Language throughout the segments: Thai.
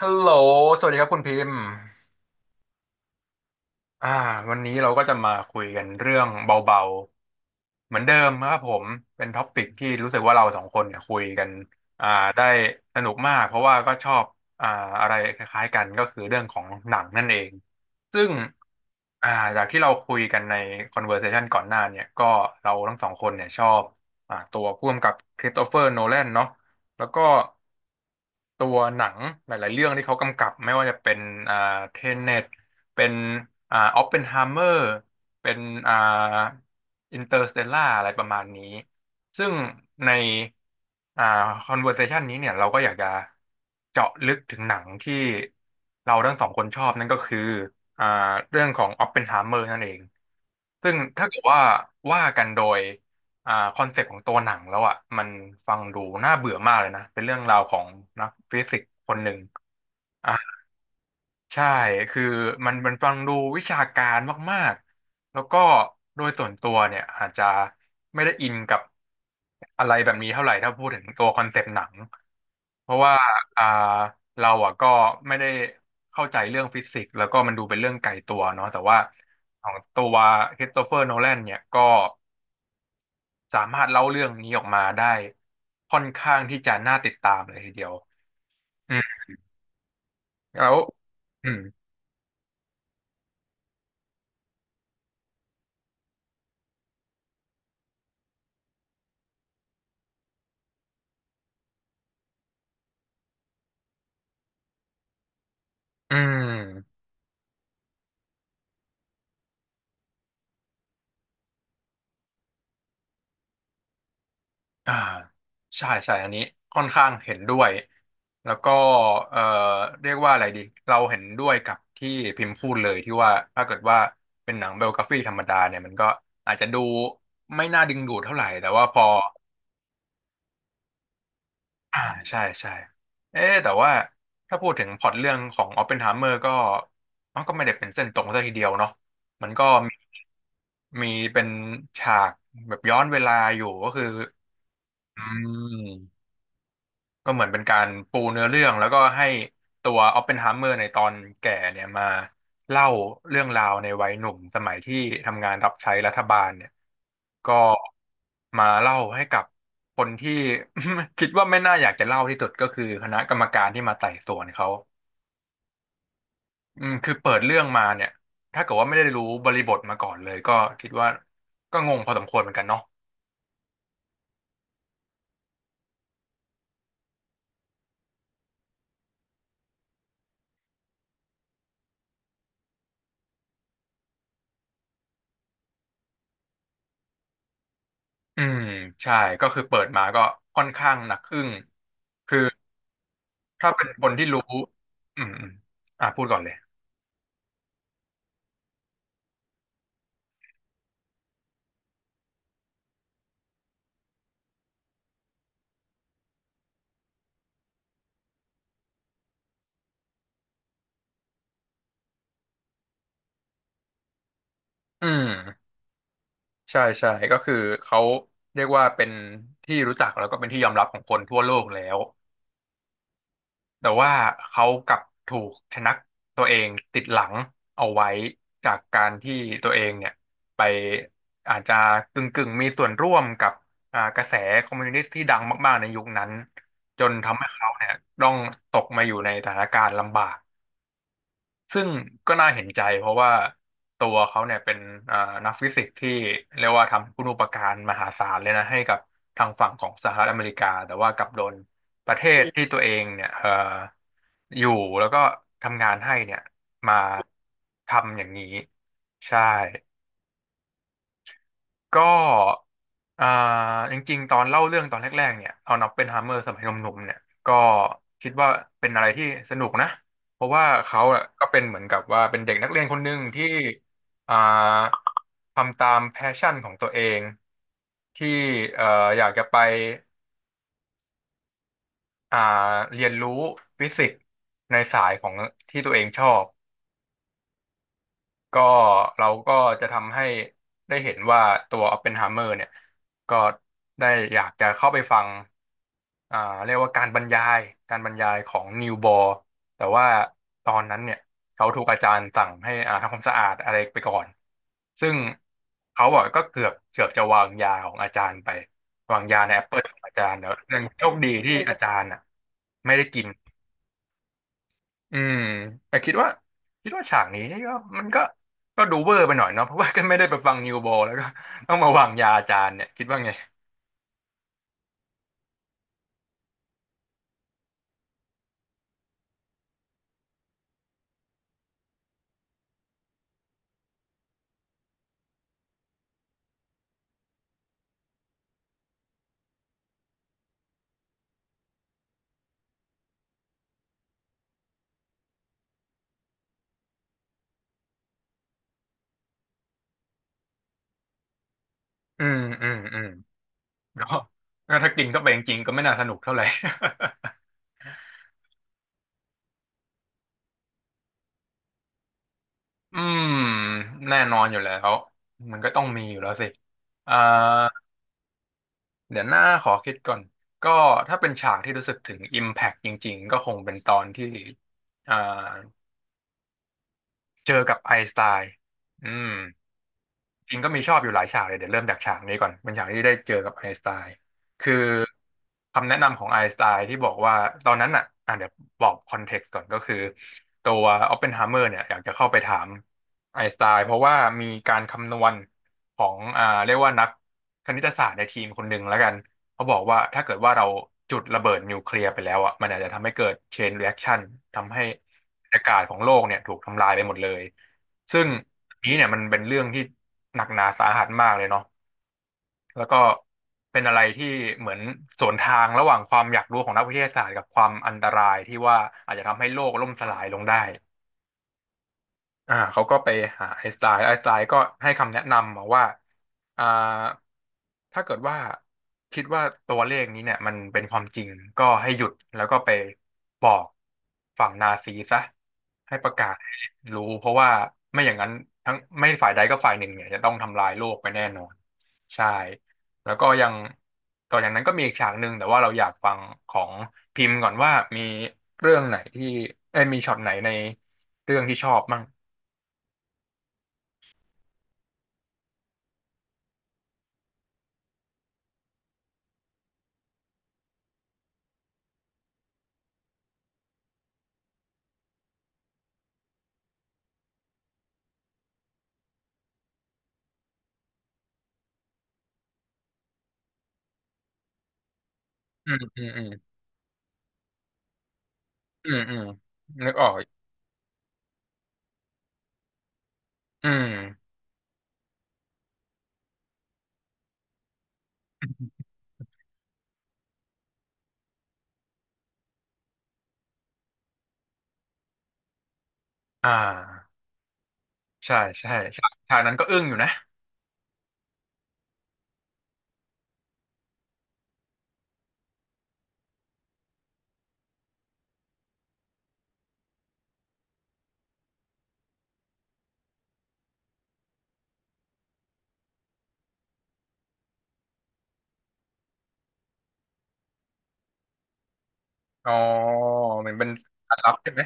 ฮัลโหลสวัสดีครับคุณพิมพ์อ่าวันนี้เราก็จะมาคุยกันเรื่องเบาๆเหมือนเดิมครับผม เป็นท็อปิกที่รู้สึกว่าเราสองคนเนี่ยคุยกันอ่าได้สนุกมาก เพราะว่าก็ชอบอ่าอะไรคล้ายๆกันก็คือเรื่องของหนังนั่นเอง ซึ่งอ่าจากที่เราคุยกันใน conversation ก่อนหน้าเนี่ย ก็เราทั้งสองคนเนี่ยชอบตัวผู้กำกับคริสโตเฟอร์โนแลนเนาะแล้วก็ ตัวหนังหลายๆเรื่องที่เขากำกับไม่ว่าจะเป็นอ่าเทเน็ตเป็นออปเพนไฮเมอร์เป็นอ่าอินเตอร์สเตลล่าอะไรประมาณนี้ซึ่งในอ่าคอนเวอร์เซชันนี้เนี่ยเราก็อยากจะเจาะลึกถึงหนังที่เราทั้งสองคนชอบนั่นก็คืออ่าเรื่องของออปเพนไฮเมอร์นั่นเองซึ่งถ้าเกิดว่าว่ากันโดย คอนเซ็ปต์ของตัวหนังแล้วอ่ะมันฟังดูน่าเบื่อมากเลยนะเป็นเรื่องราวของนักฟิสิกส์คนหนึ่งอ่าใช่คือมันฟังดูวิชาการมากๆแล้วก็โดยส่วนตัวเนี่ยอาจจะไม่ได้อินกับอะไรแบบนี้เท่าไหร่ถ้าพูดถึงตัวคอนเซ็ปต์หนังเพราะว่าอ่าเราอ่ะก็ไม่ได้เข้าใจเรื่องฟิสิกส์แล้วก็มันดูเป็นเรื่องไกลตัวเนาะแต่ว่าของตัวคริสโตเฟอร์โนแลนเนี่ยก็ สามารถเล่าเรื่องนี้ออกมาได้ค่อนข้างที่จะน่าติดตามเลยทีเดียวอืมแล้วอืมอืมอ่าใช่ใช่อันนี้ค่อนข้างเห็นด้วยแล้วก็เอ่อเรียกว่าอะไรดีเราเห็นด้วยกับที่พิมพ์พูดเลยที่ว่าถ้าเกิดว่าเป็นหนังไบโอกราฟีธรรมดาเนี่ยมันก็อาจจะดูไม่น่าดึงดูดเท่าไหร่แต่ว่าพอ อ่าใช่ใช่เอ๊ะแต่ว่าถ้าพูดถึงพล็อตเรื่องของอ p ปเพนไฮเมอร์ก็มันก็ไม่ได้เป็นเส้นตรงซะทีเดียวเนาะมันก็มีมีเป็นฉากแบบย้อนเวลาอยู่ก็คืออืม ก็เหมือนเป็นการปูเนื้อเรื่องแล้วก็ให้ตัวออปเพนไฮเมอร์ในตอนแก่เนี่ยมาเล่าเรื่องราวในวัยหนุ่มสมัยที่ทำงานรับใช้รัฐบาลเนี่ยก็มาเล่าให้กับคนที่ คิดว่าไม่น่าอยากจะเล่าที่สุดก็คือคณะกรรมการที่มาไต่สวนเขาอืมคือเปิดเรื่องมาเนี่ยถ้าเกิดว่าไม่ได้รู้บริบทมาก่อนเลยก็คิดว่าก็งงพอสมควรเหมือนกันเนาะอืมใช่ก็คือเปิดมาก็ค่อนข้างหนักอึ้งคือ ถ้าเป็นคนที่รู้ อืมอมอ่ะพูดก่อนเลย อืมใช่ใช่ก็คือเขาเรียกว่าเป็นที่รู้จักแล้วก็เป็นที่ยอมรับของคนทั่วโลกแล้ว แต่ว่าเขากลับถูกชะนักตัวเองติดหลังเอาไว้ จากการที่ตัวเองเนี่ยไปอาจจะกึ่งกึ่งมีส่วนร่วมกับกระแสคอมมิวนิสต์ที่ดังมากๆในยุคนั้นจนทำให้เขาเนี่ยต้องตกมาอยู่ในสถานการณ์ลำบาก ซึ่งก็น่าเห็นใจเพราะว่าตัวเขาเนี่ยเป็นเอ่อนักฟิสิกส์ที่เรียกว่าทำคุณูปการมหาศาลเลยนะให้กับทางฝั่งของสหรัฐอเมริกาแต่ว่ากลับโดนประเทศที่ตัวเองเนี่ยอยู่แล้วก็ทำงานให้เนี่ยมาทำอย่างนี้ใช่ ก็อ่าจริงๆตอนเล่าเรื่องตอนแรกๆเนี่ยเอาน็อปเป็นฮามเมอร์สมัยหนุ่มๆเนี่ยก็คิดว่าเป็นอะไรที่สนุกนะเพราะว่าเขาอะก็เป็นเหมือนกับว่าเป็นเด็กนักเรียนคนหนึ่งที่อ่าทำตามแพชชั่นของตัวเองที่เอ่ออยากจะไปอ่าเรียนรู้ฟิสิกส์ในสายของที่ตัวเองชอบ ก็เราก็จะทำให้ได้เห็นว่าตัวอ p ปเพนไฮเมอร์เนี่ยก็ได้อยากจะเข้าไปฟังอ่าเรียกว่าการบรรยายของนิวบอร์แต่ว่าตอนนั้นเนี่ยเขาถูกอาจารย์สั่งให้ทำความสะอาดอะไรไปก่อนซึ่งเขาบอกก็เกือบจะวางยาของอาจารย์ไปวางยาในแอปเปิลของอาจารย์เนอะยังโชคดีที่อาจารย์อ่ะไม่ได้กิน อืมแต่คิดว่าฉากนี้นี่ก็มันก็ดูเวอร์ไปหน่อยเนาะเพราะว่าก็ไม่ได้ไปฟังนิวโบแล้วก็ต้องมาวางยาอาจารย์เนี่ยคิดว่าไงอืมอืมอืมก็ถ้ากินเข้าไปจริงๆก็ไม่น่าสนุกเท่าไหร่ อืมแน่นอนอยู่แล้วมันก็ต้องมีอยู่แล้วสิอ่าเดี๋ยวหน้าขอคิดก่อนก็ถ้าเป็นฉากที่รู้สึกถึง Impact จริงๆก็คงเป็นตอนที่อ่าเจอกับไอน์สไตน์อืม จริงก็มีชอบอยู่หลายฉากเลยเดี๋ยวเริ่มจากฉากนี้ก่อนเป็นฉากที่ได้เจอกับไอน์สไตน์คือคำแนะนำของไอน์สไตน์ที่บอกว่าตอนนั้นอ่ะอ่ะเดี๋ยวบอกคอนเท็กซ์ก่อนก็คือตัวออปเพนไฮเมอร์เนี่ยอยากจะเข้าไปถามไอน์สไตน์เพราะว่ามีการคำนวณของเรียกว่านักคณิตศาสตร์ในทีมคนหนึ่งแล้วกันเขาบอกว่าถ้าเกิดว่าเราจุดระเบิดนิวเคลียร์ไปแล้วอ่ะมันอาจจะทำให้เกิดเชนรีแอคชั่นทำให้บรรยากาศของโลกเนี่ยถูกทำลายไปหมดเลย ซึ่งอันนี้เนี่ยมันเป็นเรื่องที่หนักหนาสาหัสมากเลยเนาะแล้วก็เป็นอะไรที่เหมือนสวนทางระหว่างความอยากรู้ของนักวิทยาศาสตร์กับความอันตรายที่ว่าอาจจะทำให้โลกล่มสลายลงได้ เขาก็ไปหาไอน์สไตน์ไอน์สไตน์ก็ให้คำแนะนำมาว่าอ่าถ้าเกิดว่าคิดว่าตัวเลขนี้เนี่ยมันเป็นความจริงก็ให้หยุดแล้วก็ไปบอกฝั่งนาซีซะให้ประกาศให้รู้เพราะว่าไม่อย่างนั้นทั้งไม่ฝ่ายใดก็ฝ่ายหนึ่งเนี่ยจะต้องทำลายโลกไปแน่นอนใช่แล้วก็ยังต่อจากนั้นก็มีอีกฉากหนึ่งแต่ว่าเราอยากฟังของพิมพ์ก่อนว่ามีเรื่องไหนที่เอ้ยมีช็อตไหนในเรื่องที่ชอบมั่ง อืมอืมอืมอืมอืมนึกออกอืมอ่าใช่ใช่ฉากนั้นก็อึ้งอยู่นะอ๋อเหมือนเป็นการลับใช่ไหม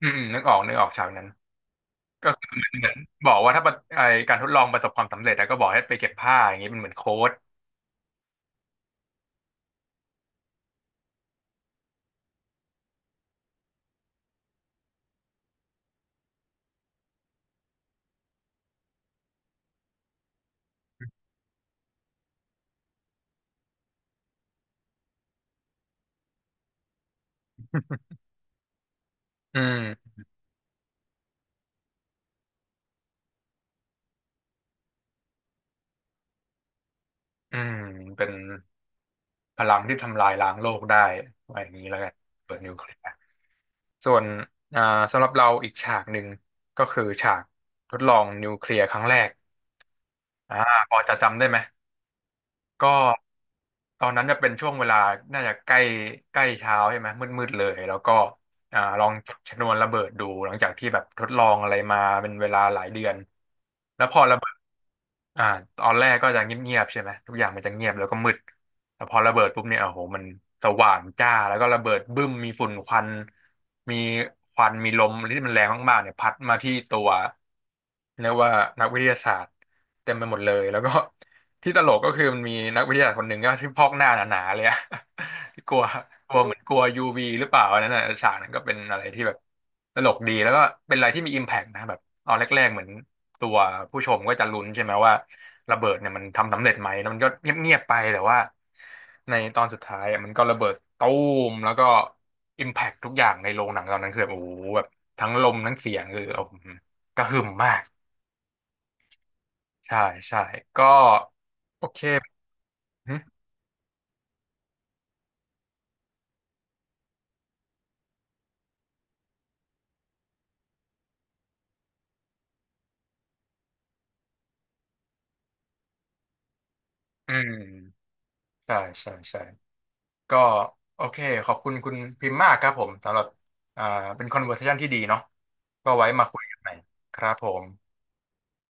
อืมอืมนึกออกนึกออกฉากนั้น ก็คือเหมือนบอกว่าถ้าประไอการทดลองประสบความสำเร็จแล้วก็บอกให้ไปเก็บผ้าอย่างนี้เป็นเหมือนโค้ดอืมอืมเป็นพลังที่ทำลายล้างโลกได้อะไรอย่างนี้แล้วกัน เปิดนิวเคลียร์ส่วนอ่าสำหรับเราอีกฉากหนึ่งก็คือฉากทดลองนิวเคลียร์ครั้งแรกอ่าพอจะจำได้ไหม ก็ตอนนั้นจะเป็นช่วงเวลาน่าจะใกล้ใกล้เช้าใช่ไหมมืดมืดเลยแล้วก็ลองจุดชนวนระเบิดดูหลังจากที่แบบทดลองอะไรมาเป็นเวลาหลายเดือนแล้วพอระเบิดอ่าตอนแรกก็จะเงียบๆใช่ไหมทุกอย่างมันจะเงียบแล้วก็มืดแต่พอระเบิดปุ๊บเนี่ยโอ้โหมันสว่างจ้าแล้วก็ระเบิดบึ้มมีฝุ่นควันมีควันมีลมที่มันแรงมากๆเนี่ยพัดมาที่ตัวเรียกว่านักวิทยาศาสตร์เต็มไปหมดเลยแล้วก็ ที่ตลกก็คือมันมีนักวิทยาศาสตร์คนหนึ่งก็ที่พอกหน้าหนาๆเลยอะ กลัวกลัวเหมือนกลัว UV หรือเปล่าอันนั้นน่ะฉากนั้นก็เป็นอะไรที่แบบตลกดีแล้วก็เป็นอะไรที่มี impact นะแบบตอนแรกๆเหมือนตัวผู้ชมก็จะลุ้นใช่ไหมว่าระเบิดเนี่ยมันทำสำเร็จไหมแล้วมันก็เงียบๆไปแต่ว่าในตอนสุดท้ายอะมันก็ระเบิดตู้มแล้วก็ impact ทุกอย่างในโรงหนังตอนนั้นคือแบบโอ้โหแบบทั้งลมทั้งเสียงคือโอ้โหกระหึ่มมากใช่ใช่ก็โอเค อืมใช่ใช่ใช่ก็โอเคขอบคุณคุณพิมพ์มากครับผมสำหรับอ่าเป็นคอนเวอร์เซชันที่ดีเนาะก็ไว้มาคุยกันใหม่ครับผม